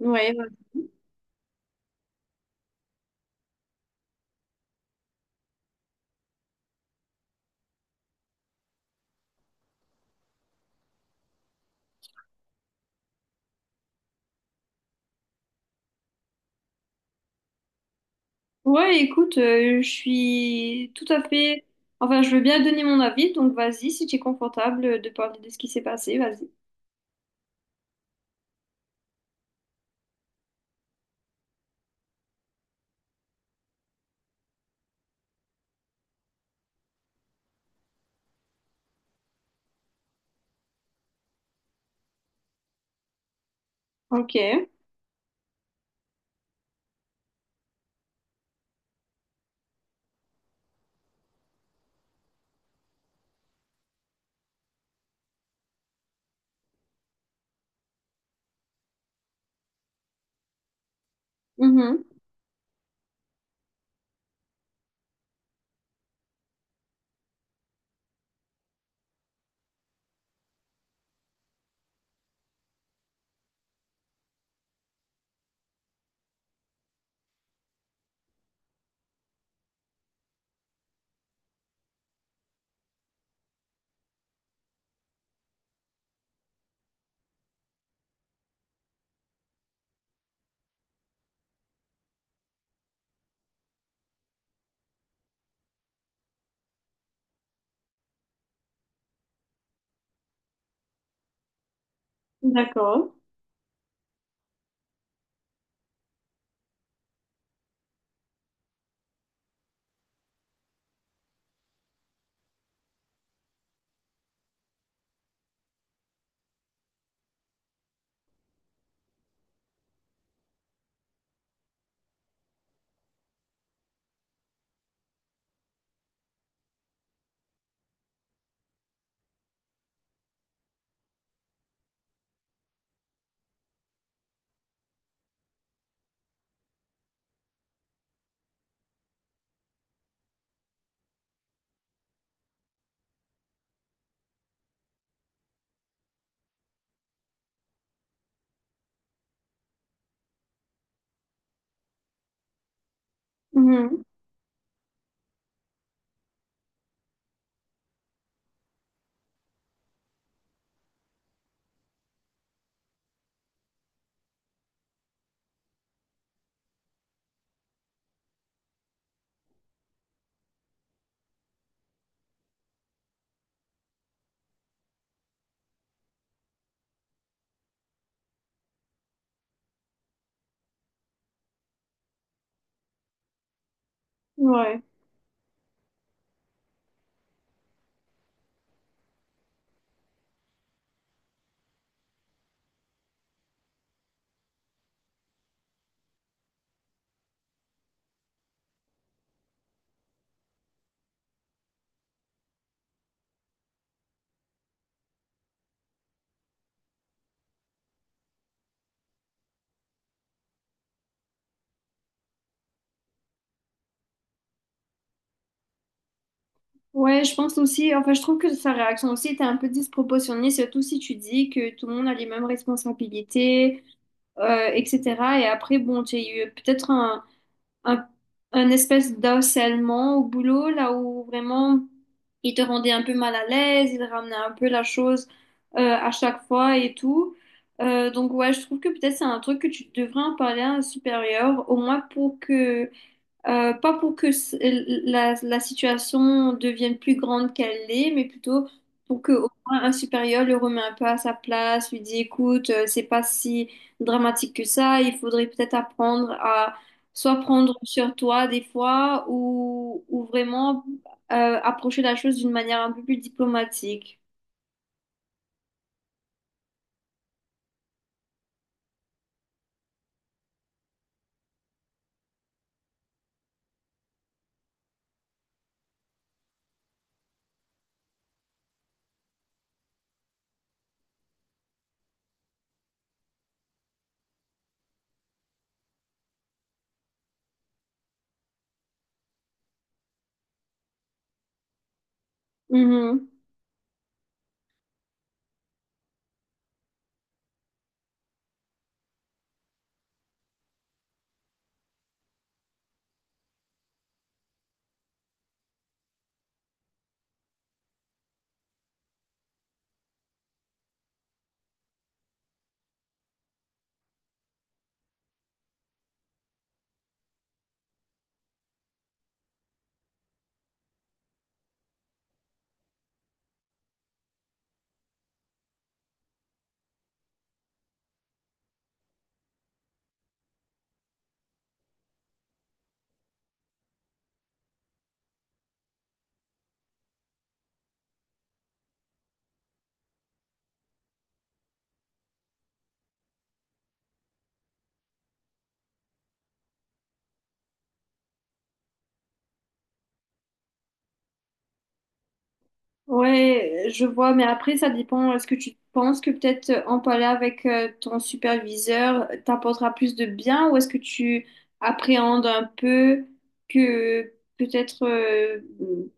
Ouais, voilà. Ouais, écoute, je suis tout à fait. Enfin, je veux bien donner mon avis, donc vas-y, si tu es confortable de parler de ce qui s'est passé, vas-y. Ok. Mhm. D'accord. Mhm. Ouais. Ouais, je pense aussi. Enfin, je trouve que sa réaction aussi était un peu disproportionnée, surtout si tu dis que tout le monde a les mêmes responsabilités, etc. Et après, bon, tu as eu peut-être un, un espèce d'harcèlement au boulot, là où vraiment il te rendait un peu mal à l'aise, il ramenait un peu la chose à chaque fois et tout. Donc ouais, je trouve que peut-être c'est un truc que tu devrais en parler à un supérieur, au moins pour que pas pour que la situation devienne plus grande qu'elle l'est, mais plutôt pour que au moins un supérieur le remet un peu à sa place, lui dit, écoute, c'est pas si dramatique que ça, il faudrait peut-être apprendre à soit prendre sur toi des fois ou vraiment approcher la chose d'une manière un peu plus diplomatique. Ouais, je vois, mais après, ça dépend. Est-ce que tu penses que peut-être en parler avec ton superviseur t'apportera plus de bien ou est-ce que tu appréhendes un peu que peut-être euh,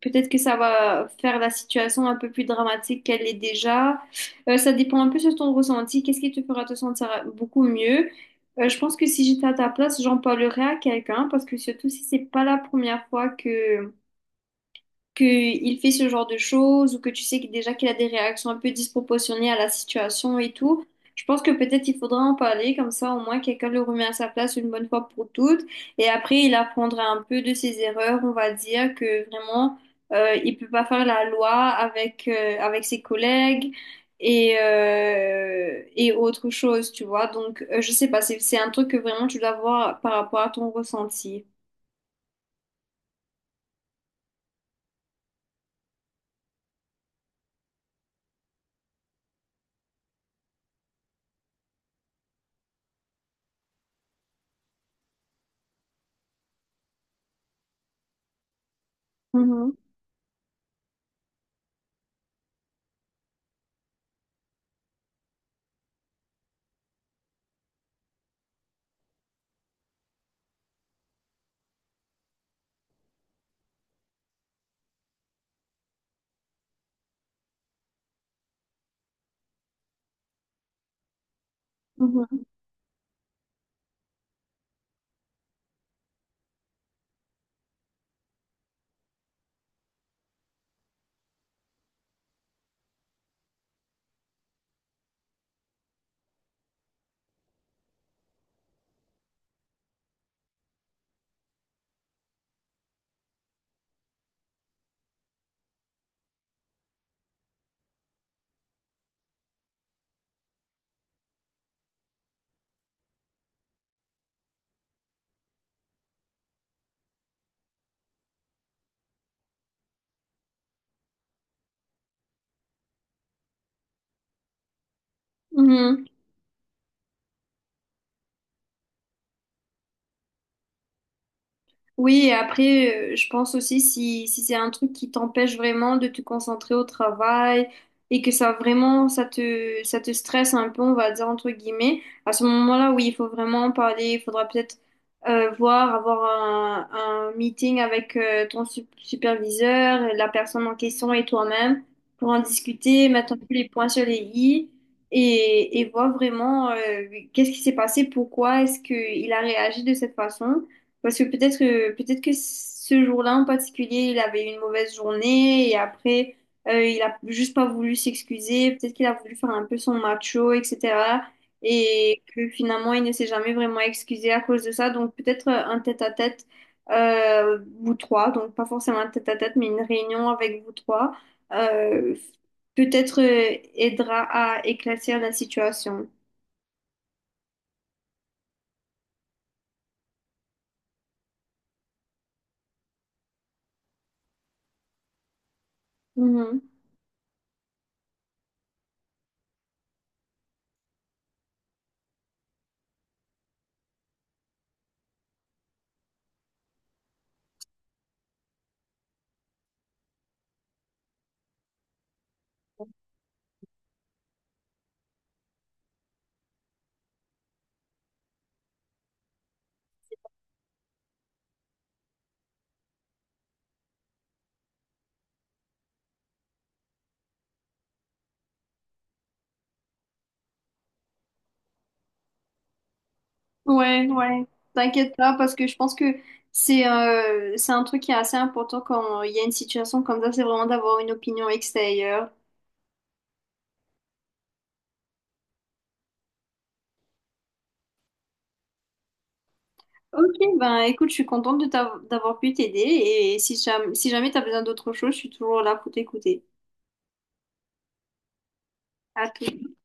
peut-être que ça va faire la situation un peu plus dramatique qu'elle est déjà? Ça dépend un peu de ton ressenti. Qu'est-ce qui te fera te sentir beaucoup mieux? Je pense que si j'étais à ta place, j'en parlerais à quelqu'un parce que surtout si c'est pas la première fois que qu'il fait ce genre de choses ou que tu sais que déjà qu'il a des réactions un peu disproportionnées à la situation et tout, je pense que peut-être il faudra en parler, comme ça au moins quelqu'un le remet à sa place une bonne fois pour toutes. Et après, il apprendra un peu de ses erreurs, on va dire que vraiment, il peut pas faire la loi avec ses collègues. Et autre chose, tu vois. Donc, je sais pas, c'est un truc que vraiment tu dois voir par rapport à ton ressenti. Mhm, mhm, mhm. Oui, et après, je pense aussi si c'est un truc qui t'empêche vraiment de te concentrer au travail et que ça vraiment, ça te stresse un peu, on va dire entre guillemets, à ce moment-là, oui, il faut vraiment en parler, il faudra peut-être voir, avoir un meeting avec ton superviseur, la personne en question et toi-même pour en discuter, mettre un peu les points sur les i et voir vraiment qu'est-ce qui s'est passé, pourquoi est-ce qu'il a réagi de cette façon. Parce que peut-être que ce jour-là en particulier, il avait eu une mauvaise journée et après il a juste pas voulu s'excuser. Peut-être qu'il a voulu faire un peu son macho, etc. Et que finalement il ne s'est jamais vraiment excusé à cause de ça. Donc peut-être un tête-à-tête vous trois, donc pas forcément un tête-à-tête, mais une réunion avec vous trois, euh, peut-être aidera à éclaircir la situation. Ouais, ouais. T'inquiète pas, parce que je pense que c'est un truc qui est assez important quand il y a une situation comme ça, c'est vraiment d'avoir une opinion extérieure. Ok, ben écoute, je suis contente de d'avoir pu t'aider et si jamais, t'as besoin d'autre chose, je suis toujours là pour t'écouter. À tout.